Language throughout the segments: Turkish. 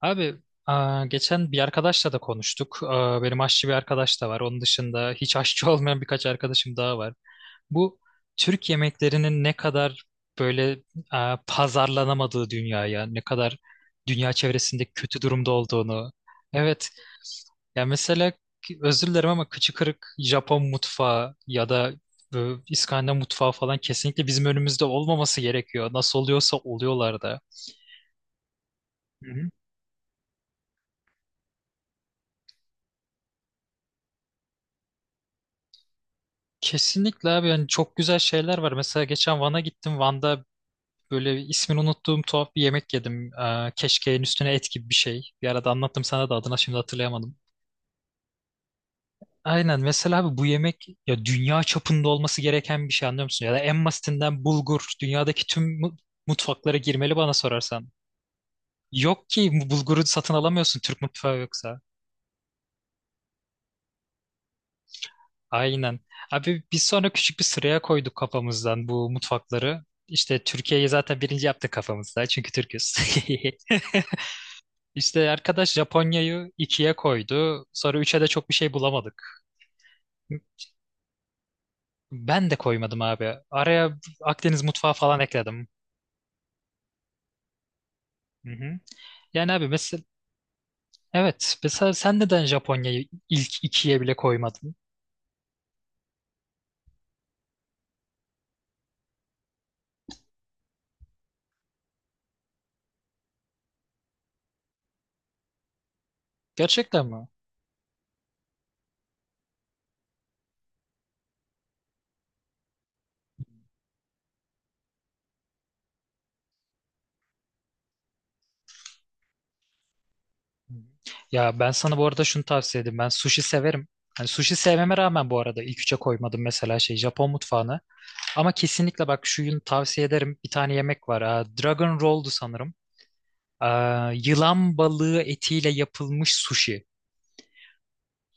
Abi geçen bir arkadaşla da konuştuk. Benim aşçı bir arkadaş da var. Onun dışında hiç aşçı olmayan birkaç arkadaşım daha var. Bu Türk yemeklerinin ne kadar böyle pazarlanamadığı dünyaya, ne kadar dünya çevresinde kötü durumda olduğunu. Evet. Ya mesela özür dilerim ama kıçı kırık Japon mutfağı ya da İskandinav mutfağı falan kesinlikle bizim önümüzde olmaması gerekiyor. Nasıl oluyorsa oluyorlar da. Kesinlikle abi yani çok güzel şeyler var. Mesela geçen Van'a gittim. Van'da böyle ismini unuttuğum tuhaf bir yemek yedim. Keşkeğin üstüne et gibi bir şey. Bir arada anlattım sana da adına şimdi hatırlayamadım. Aynen mesela abi bu yemek ya dünya çapında olması gereken bir şey, anlıyor musun? Ya da en basitinden bulgur dünyadaki tüm mutfaklara girmeli bana sorarsan. Yok ki bu bulguru satın alamıyorsun, Türk mutfağı yoksa. Aynen. Abi biz sonra küçük bir sıraya koyduk kafamızdan bu mutfakları. İşte Türkiye'yi zaten birinci yaptık kafamızda çünkü Türküz. İşte arkadaş Japonya'yı ikiye koydu. Sonra üçe de çok bir şey bulamadık. Ben de koymadım abi. Araya Akdeniz mutfağı falan ekledim. Hı hı. Yani abi mesela evet mesela sen neden Japonya'yı ilk ikiye bile koymadın? Gerçekten mi? Hı. Ya ben sana bu arada şunu tavsiye edeyim. Ben sushi severim. Hani sushi sevmeme rağmen bu arada ilk üçe koymadım mesela şey Japon mutfağını. Ama kesinlikle bak şunu tavsiye ederim. Bir tane yemek var. Dragon Roll'du sanırım. Yılan balığı etiyle yapılmış sushi.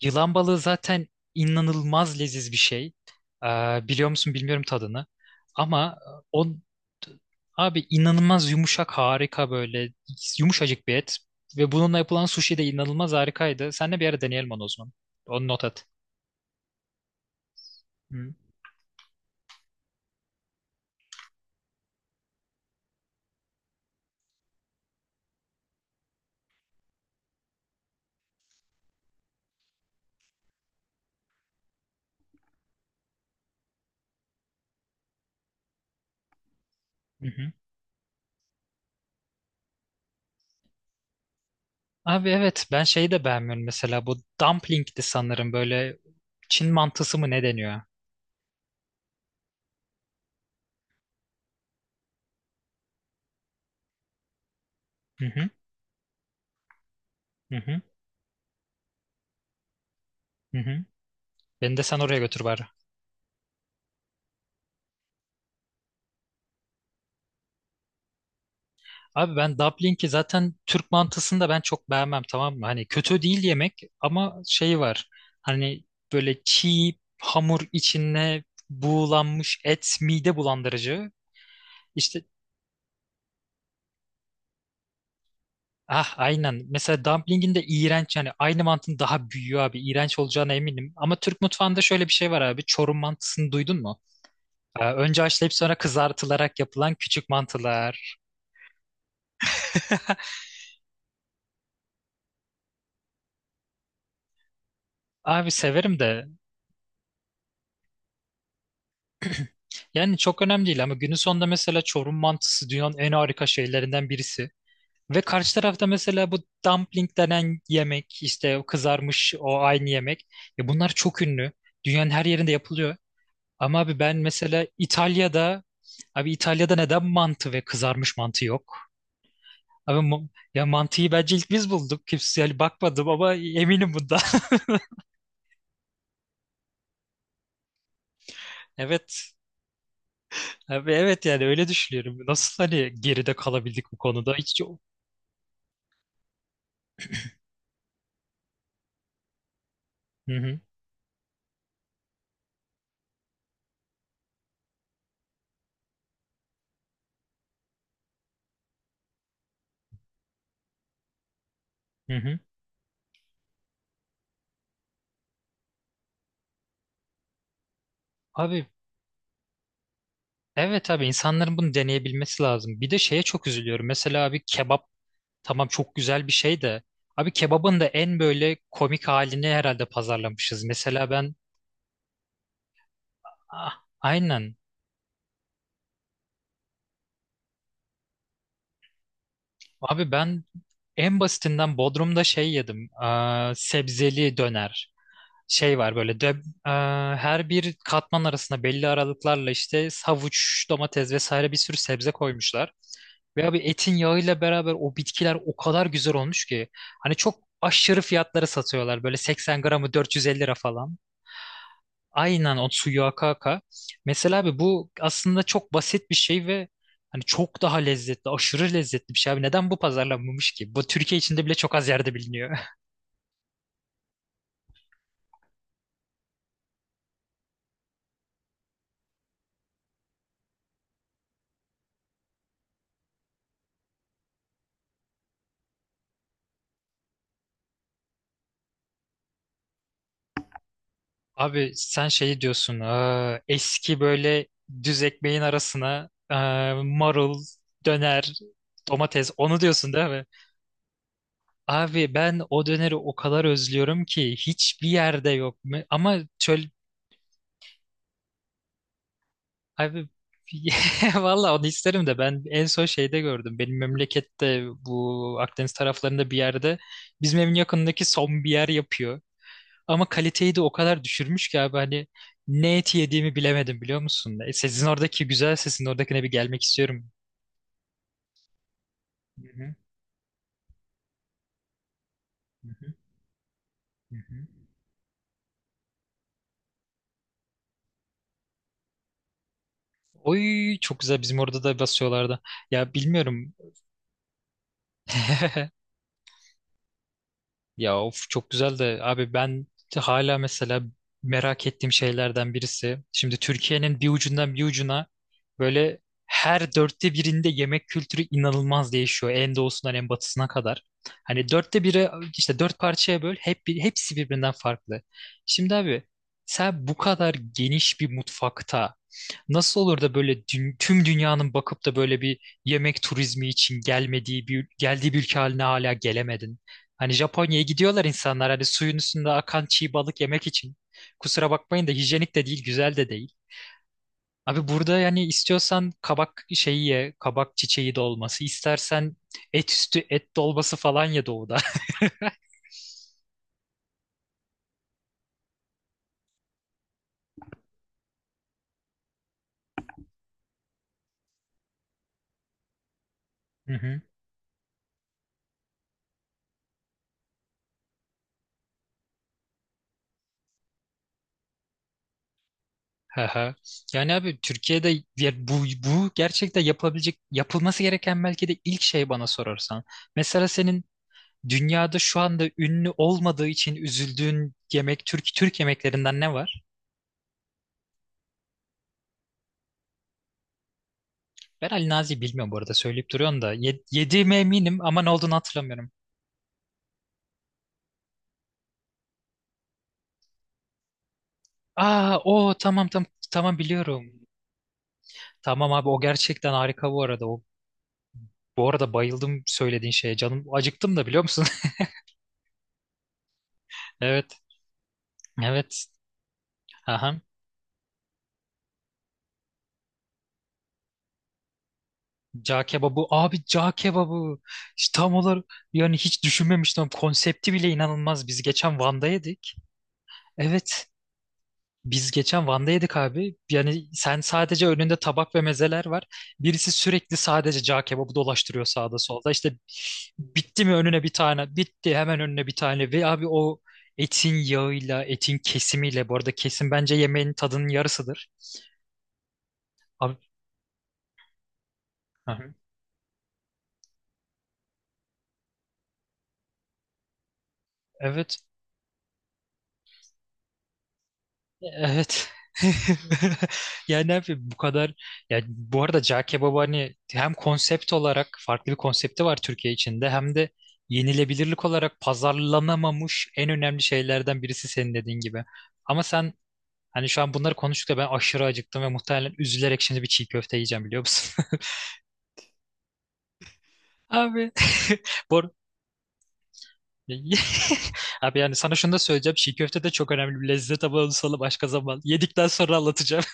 Yılan balığı zaten inanılmaz leziz bir şey. Ee, Biliyor musun bilmiyorum tadını. Ama o abi inanılmaz yumuşak, harika, böyle yumuşacık bir et. Ve bununla yapılan sushi de inanılmaz harikaydı. Seninle bir ara deneyelim onu o zaman. Onu not et. Hı. Hı hı. Abi evet, ben şeyi de beğenmiyorum mesela, bu dumpling'di sanırım, böyle Çin mantısı mı ne deniyor? Hı hı. Hı hı. Hı hı. Beni de sen oraya götür bari. Abi ben dumpling'i zaten Türk mantısını da ben çok beğenmem, tamam mı? Hani kötü değil yemek ama şey var. Hani böyle çiğ hamur içine buğulanmış et mide bulandırıcı. İşte ah aynen. Mesela dumpling'in de iğrenç yani, aynı mantının daha büyüğü abi. İğrenç olacağına eminim. Ama Türk mutfağında şöyle bir şey var abi. Çorum mantısını duydun mu? Önce haşlayıp sonra kızartılarak yapılan küçük mantılar. Abi severim de yani çok önemli değil ama günün sonunda mesela Çorum mantısı dünyanın en harika şeylerinden birisi. Ve karşı tarafta mesela bu dumpling denen yemek, işte o kızarmış o aynı yemek. Ya bunlar çok ünlü. Dünyanın her yerinde yapılıyor. Ama abi ben mesela İtalya'da, abi İtalya'da neden mantı ve kızarmış mantı yok? Abi ya mantıyı bence ilk biz bulduk. Kimse yani bakmadım ama eminim bundan. Evet. Abi evet, yani öyle düşünüyorum. Nasıl hani geride kalabildik bu konuda? Hiç. Hı hı. Hı hı. Abi evet abi, insanların bunu deneyebilmesi lazım. Bir de şeye çok üzülüyorum. Mesela abi kebap tamam çok güzel bir şey de, abi kebabın da en böyle komik halini herhalde pazarlamışız. Mesela ben ah, aynen abi, ben en basitinden Bodrum'da şey yedim. Sebzeli döner. Şey var böyle de, e, her bir katman arasında belli aralıklarla işte havuç, domates vesaire bir sürü sebze koymuşlar. Ve abi etin yağıyla beraber o bitkiler o kadar güzel olmuş ki. Hani çok aşırı fiyatlara satıyorlar. Böyle 80 gramı 450 lira falan. Aynen o suyu aka aka. Mesela abi bu aslında çok basit bir şey ve hani çok daha lezzetli, aşırı lezzetli bir şey abi. Neden bu pazarlanmamış ki? Bu Türkiye içinde bile çok az yerde biliniyor. Abi sen şey diyorsun, "Aa, eski böyle düz ekmeğin arasına aa, marul, döner, domates," onu diyorsun değil mi? Abi ben o döneri o kadar özlüyorum ki hiçbir yerde yok. Ama çöl abi valla onu isterim de ben en son şeyde gördüm. Benim memlekette bu Akdeniz taraflarında bir yerde, bizim evin yakındaki son bir yer yapıyor. Ama kaliteyi de o kadar düşürmüş ki abi, hani ne eti yediğimi bilemedim biliyor musun? Sizin oradaki güzel sesin oradakine bir gelmek istiyorum. Hı hı, hı hı, hı hı. Oy çok güzel, bizim orada da basıyorlardı. Ya bilmiyorum. Ya of, çok güzel de abi, ben hala mesela merak ettiğim şeylerden birisi. Şimdi Türkiye'nin bir ucundan bir ucuna böyle her dörtte birinde yemek kültürü inanılmaz değişiyor. En doğusundan en batısına kadar. Hani dörtte biri, işte dört parçaya böl hep, hepsi birbirinden farklı. Şimdi abi sen bu kadar geniş bir mutfakta nasıl olur da böyle tüm dünyanın bakıp da böyle bir yemek turizmi için gelmediği bir geldiği bir ülke haline hala gelemedin? Hani Japonya'ya gidiyorlar insanlar hani suyun üstünde akan çiğ balık yemek için. Kusura bakmayın da hijyenik de değil, güzel de değil. Abi burada yani istiyorsan kabak şeyi ye, kabak çiçeği dolması, istersen et üstü et dolması falan ye doğuda. Hı hı. Hı hı. Yani abi Türkiye'de ya bu gerçekten yapılabilecek, yapılması gereken belki de ilk şey bana sorarsan. Mesela senin dünyada şu anda ünlü olmadığı için üzüldüğün yemek, Türk Türk yemeklerinden ne var? Ben Ali Nazi'yi bilmiyorum bu arada, söyleyip duruyorsun da. Yediğime eminim ama ne olduğunu hatırlamıyorum. Aa o tamam tamam tamam, biliyorum. Tamam abi o gerçekten harika bu arada. O, bu arada bayıldım söylediğin şeye. Canım acıktım da biliyor musun? Evet. Evet. Aha. Cağ kebabı. Abi cağ kebabı. İşte tam olarak, yani hiç düşünmemiştim. Konsepti bile inanılmaz. Biz geçen Van'da yedik. Evet. Biz geçen Van'da yedik abi. Yani sen sadece önünde tabak ve mezeler var. Birisi sürekli sadece cağ kebabı dolaştırıyor sağda solda. İşte bitti mi önüne bir tane, bitti hemen önüne bir tane. Ve abi o etin yağıyla, etin kesimiyle, bu arada kesim bence yemeğin tadının yarısıdır. Abi, hı hı, evet. Evet. Yani ne yapayım bu kadar, yani bu arada cağ kebabı hani hem konsept olarak farklı bir konsepti var Türkiye içinde hem de yenilebilirlik olarak pazarlanamamış en önemli şeylerden birisi senin dediğin gibi. Ama sen hani şu an bunları konuştukça ben aşırı acıktım ve muhtemelen üzülerek şimdi bir çiğ köfte yiyeceğim biliyor musun? Abi bu ar- Abi yani sana şunu da söyleyeceğim. Çiğ köfte de çok önemli bir lezzet ama onu sana başka zaman yedikten sonra anlatacağım.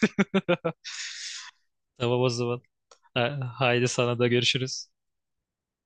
Tamam o zaman. Haydi sana da görüşürüz.